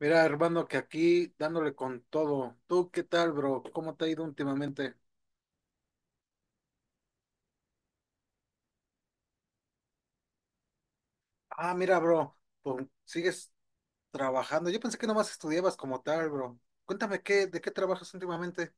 Mira, hermano, que aquí dándole con todo. ¿Tú qué tal, bro? ¿Cómo te ha ido últimamente? Ah, mira, bro, pues sigues trabajando. Yo pensé que nomás estudiabas como tal, bro. Cuéntame ¿de qué trabajas últimamente?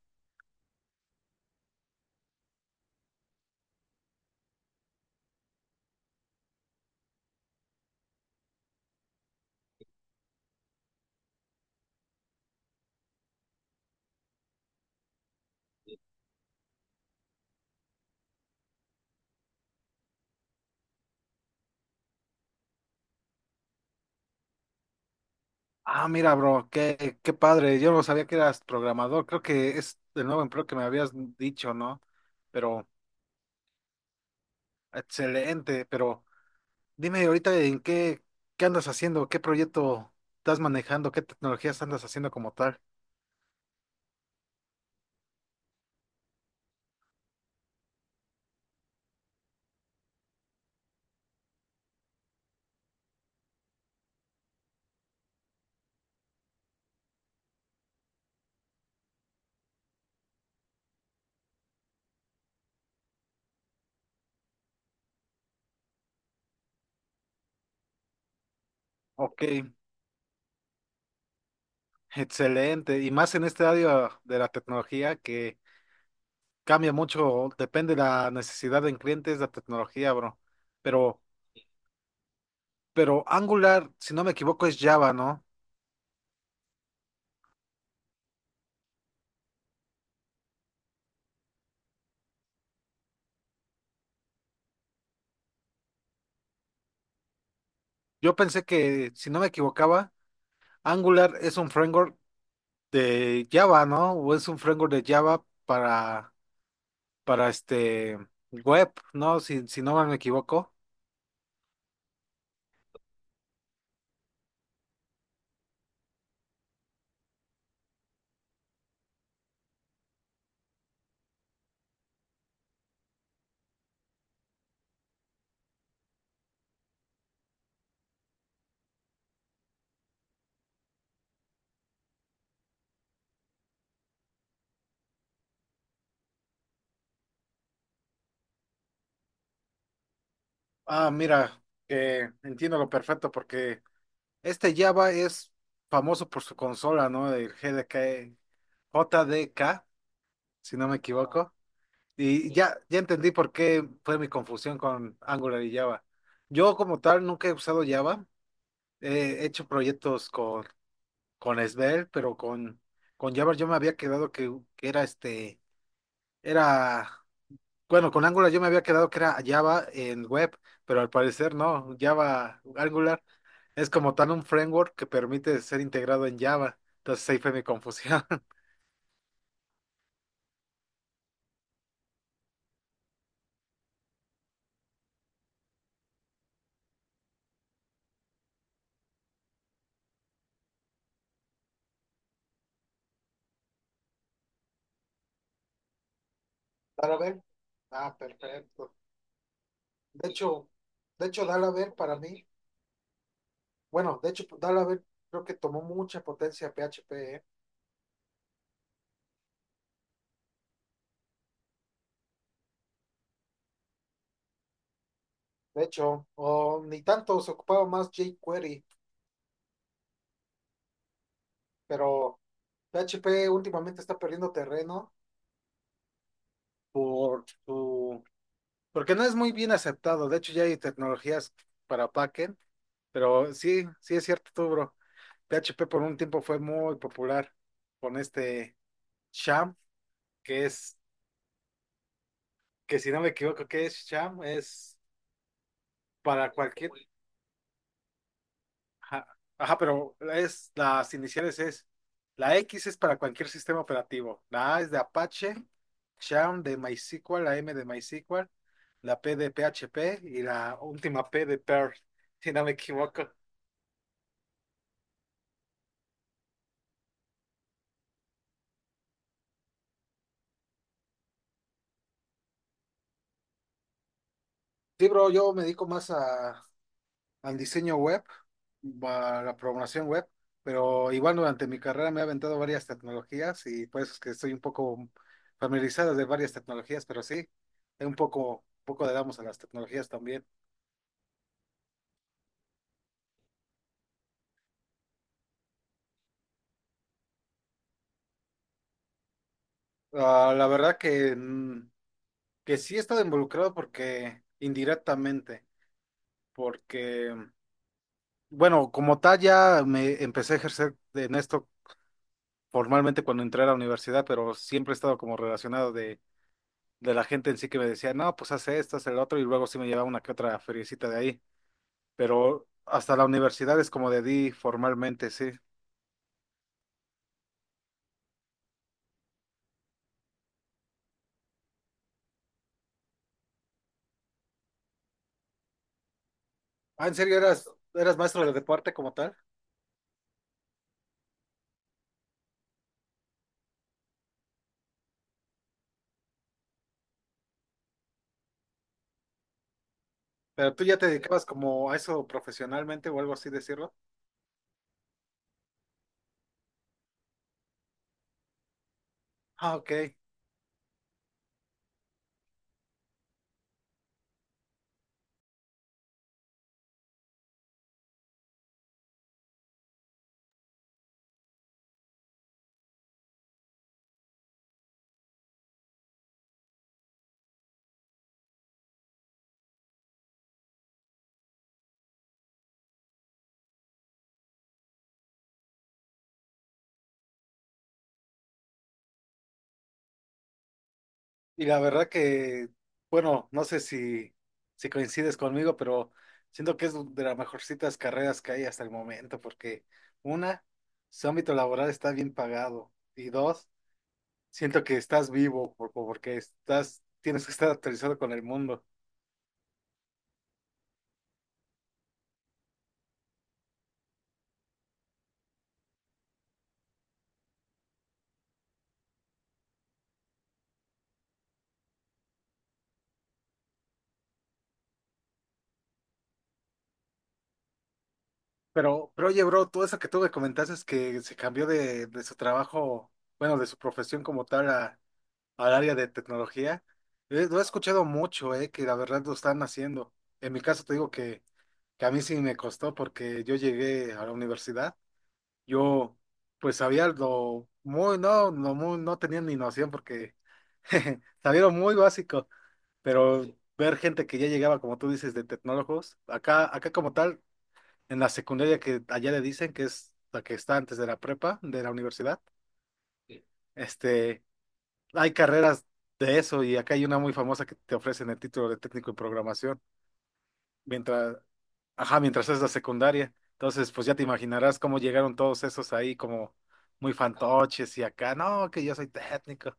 Ah, mira, bro, qué padre. Yo no sabía que eras programador. Creo que es el nuevo empleo que me habías dicho, ¿no? Pero, excelente. Pero dime ahorita en qué andas haciendo, qué proyecto estás manejando, qué tecnologías andas haciendo como tal. Ok. Excelente, y más en este área de la tecnología que cambia mucho, depende de la necesidad del cliente, es la tecnología, bro. Pero, pero Angular, si no me equivoco, es Java, ¿no? Yo pensé que, si no me equivocaba, Angular es un framework de Java, ¿no? O es un framework de Java para este web, ¿no? Si, si no me equivoco. Ah, mira, que entiendo lo perfecto porque este Java es famoso por su consola, ¿no? El GDK, JDK, si no me equivoco. Y sí, ya, ya entendí por qué fue mi confusión con Angular y Java. Yo como tal nunca he usado Java. He hecho proyectos con Svelte, pero con Java yo me había quedado que era era bueno, con Angular yo me había quedado que era Java en web, pero al parecer no, Java Angular es como tan un framework que permite ser integrado en Java. Entonces ahí fue mi confusión. Laravel. Ah, perfecto. De hecho, de hecho, Laravel para mí, bueno, de hecho, Laravel creo que tomó mucha potencia PHP, ¿eh? De hecho, o ni tanto se ocupaba más jQuery, pero PHP últimamente está perdiendo terreno por su. Porque no es muy bien aceptado. De hecho, ya hay tecnologías para backend, pero sí, sí es cierto, tú, bro. PHP por un tiempo fue muy popular con este Sham, que es, que si no me equivoco, ¿qué es Sham? Es para cualquier. Ajá, ajá, pero es las iniciales es. La X es para cualquier sistema operativo. La A es de Apache, Sham de MySQL, la M de MySQL, la P de PHP y la última P de Perl, si no me equivoco. Sí, bro, yo me dedico más al diseño web, a la programación web, pero igual durante mi carrera me he aventado varias tecnologías y por eso es que estoy un poco familiarizado de varias tecnologías, pero sí, es un poco le damos a las tecnologías también. Ah, la verdad que, que sí he estado involucrado porque indirectamente, porque, bueno, como tal ya me empecé a ejercer en esto formalmente cuando entré a la universidad, pero siempre he estado como relacionado de la gente en sí que me decía, no, pues hace esto, hace el otro, y luego sí me llevaba una que otra feriecita de ahí. Pero hasta la universidad es como de di formalmente, sí. Ah, ¿en serio eras maestro de deporte como tal? Pero tú ya te dedicabas como a eso profesionalmente o algo así decirlo. Ah, ok. Y la verdad que, bueno, no sé si coincides conmigo, pero siento que es de las mejorcitas carreras que hay hasta el momento, porque una, su ámbito laboral está bien pagado. Y dos, siento que estás vivo porque estás, tienes que estar actualizado con el mundo. Pero oye, bro, todo eso que tú me comentaste es que se cambió de su trabajo, bueno, de su profesión como tal al área de tecnología. Lo he escuchado mucho, que la verdad lo están haciendo. En mi caso te digo que a mí sí me costó porque yo llegué a la universidad. Yo, pues sabía lo muy, no, no, muy, no tenía ni noción porque sabía lo muy básico. Pero ver gente que ya llegaba, como tú dices, de tecnólogos, acá como tal, en la secundaria que allá le dicen, que es la que está antes de la prepa, de la universidad. Sí. Este, hay carreras de eso y acá hay una muy famosa que te ofrecen el título de técnico en programación, mientras, ajá, mientras es la secundaria. Entonces, pues ya te imaginarás cómo llegaron todos esos ahí como muy fantoches y acá, no, que yo soy técnico.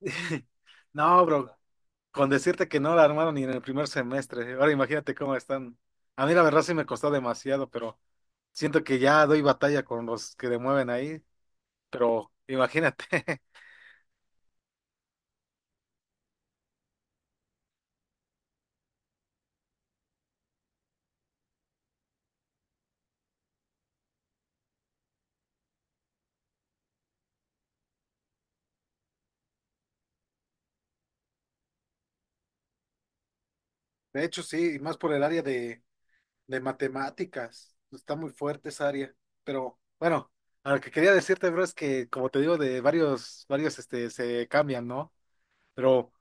No, bro, con decirte que no la armaron ni en el primer semestre. Ahora imagínate cómo están. A mí la verdad sí me costó demasiado, pero siento que ya doy batalla con los que le mueven ahí. Pero imagínate. De hecho, sí, y más por el área de matemáticas. Está muy fuerte esa área. Pero bueno, a lo que quería decirte, bro, es que como te digo, de varios este, se cambian, ¿no? Pero,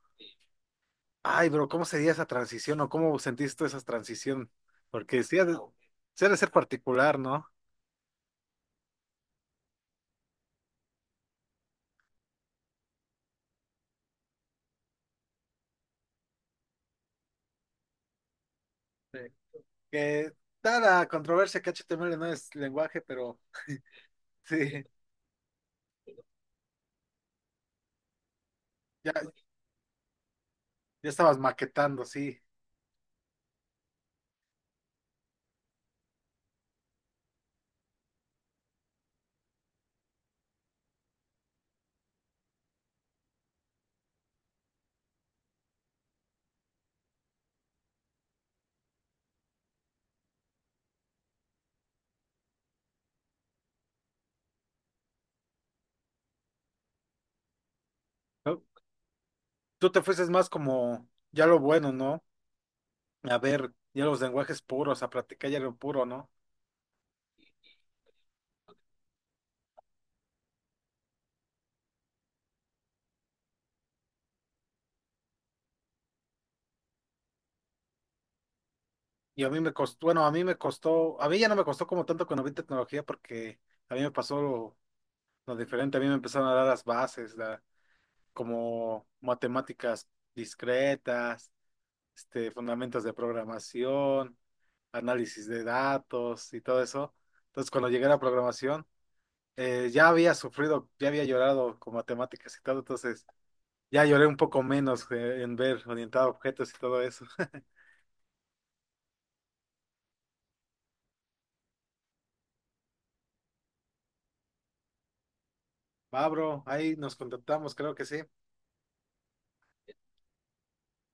ay, bro, ¿cómo sería esa transición o cómo sentiste esa transición? Porque sí, sí ha de ser particular, ¿no? Sí. Que da la controversia que HTML no es lenguaje, pero sí, ya, ya estabas maquetando, sí. ¿No? Tú te fuiste más como ya lo bueno, ¿no? A ver, ya los lenguajes puros, a practicar ya lo puro, ¿no? Y a mí me costó, bueno, a mí me costó, a mí ya no me costó como tanto cuando vi tecnología porque a mí me pasó lo diferente, a mí me empezaron a dar las bases, como matemáticas discretas, este, fundamentos de programación, análisis de datos y todo eso. Entonces, cuando llegué a la programación, ya había sufrido, ya había llorado con matemáticas y todo, entonces ya lloré un poco menos en ver orientado a objetos y todo eso. Va, bro, ahí nos contactamos, creo que sí.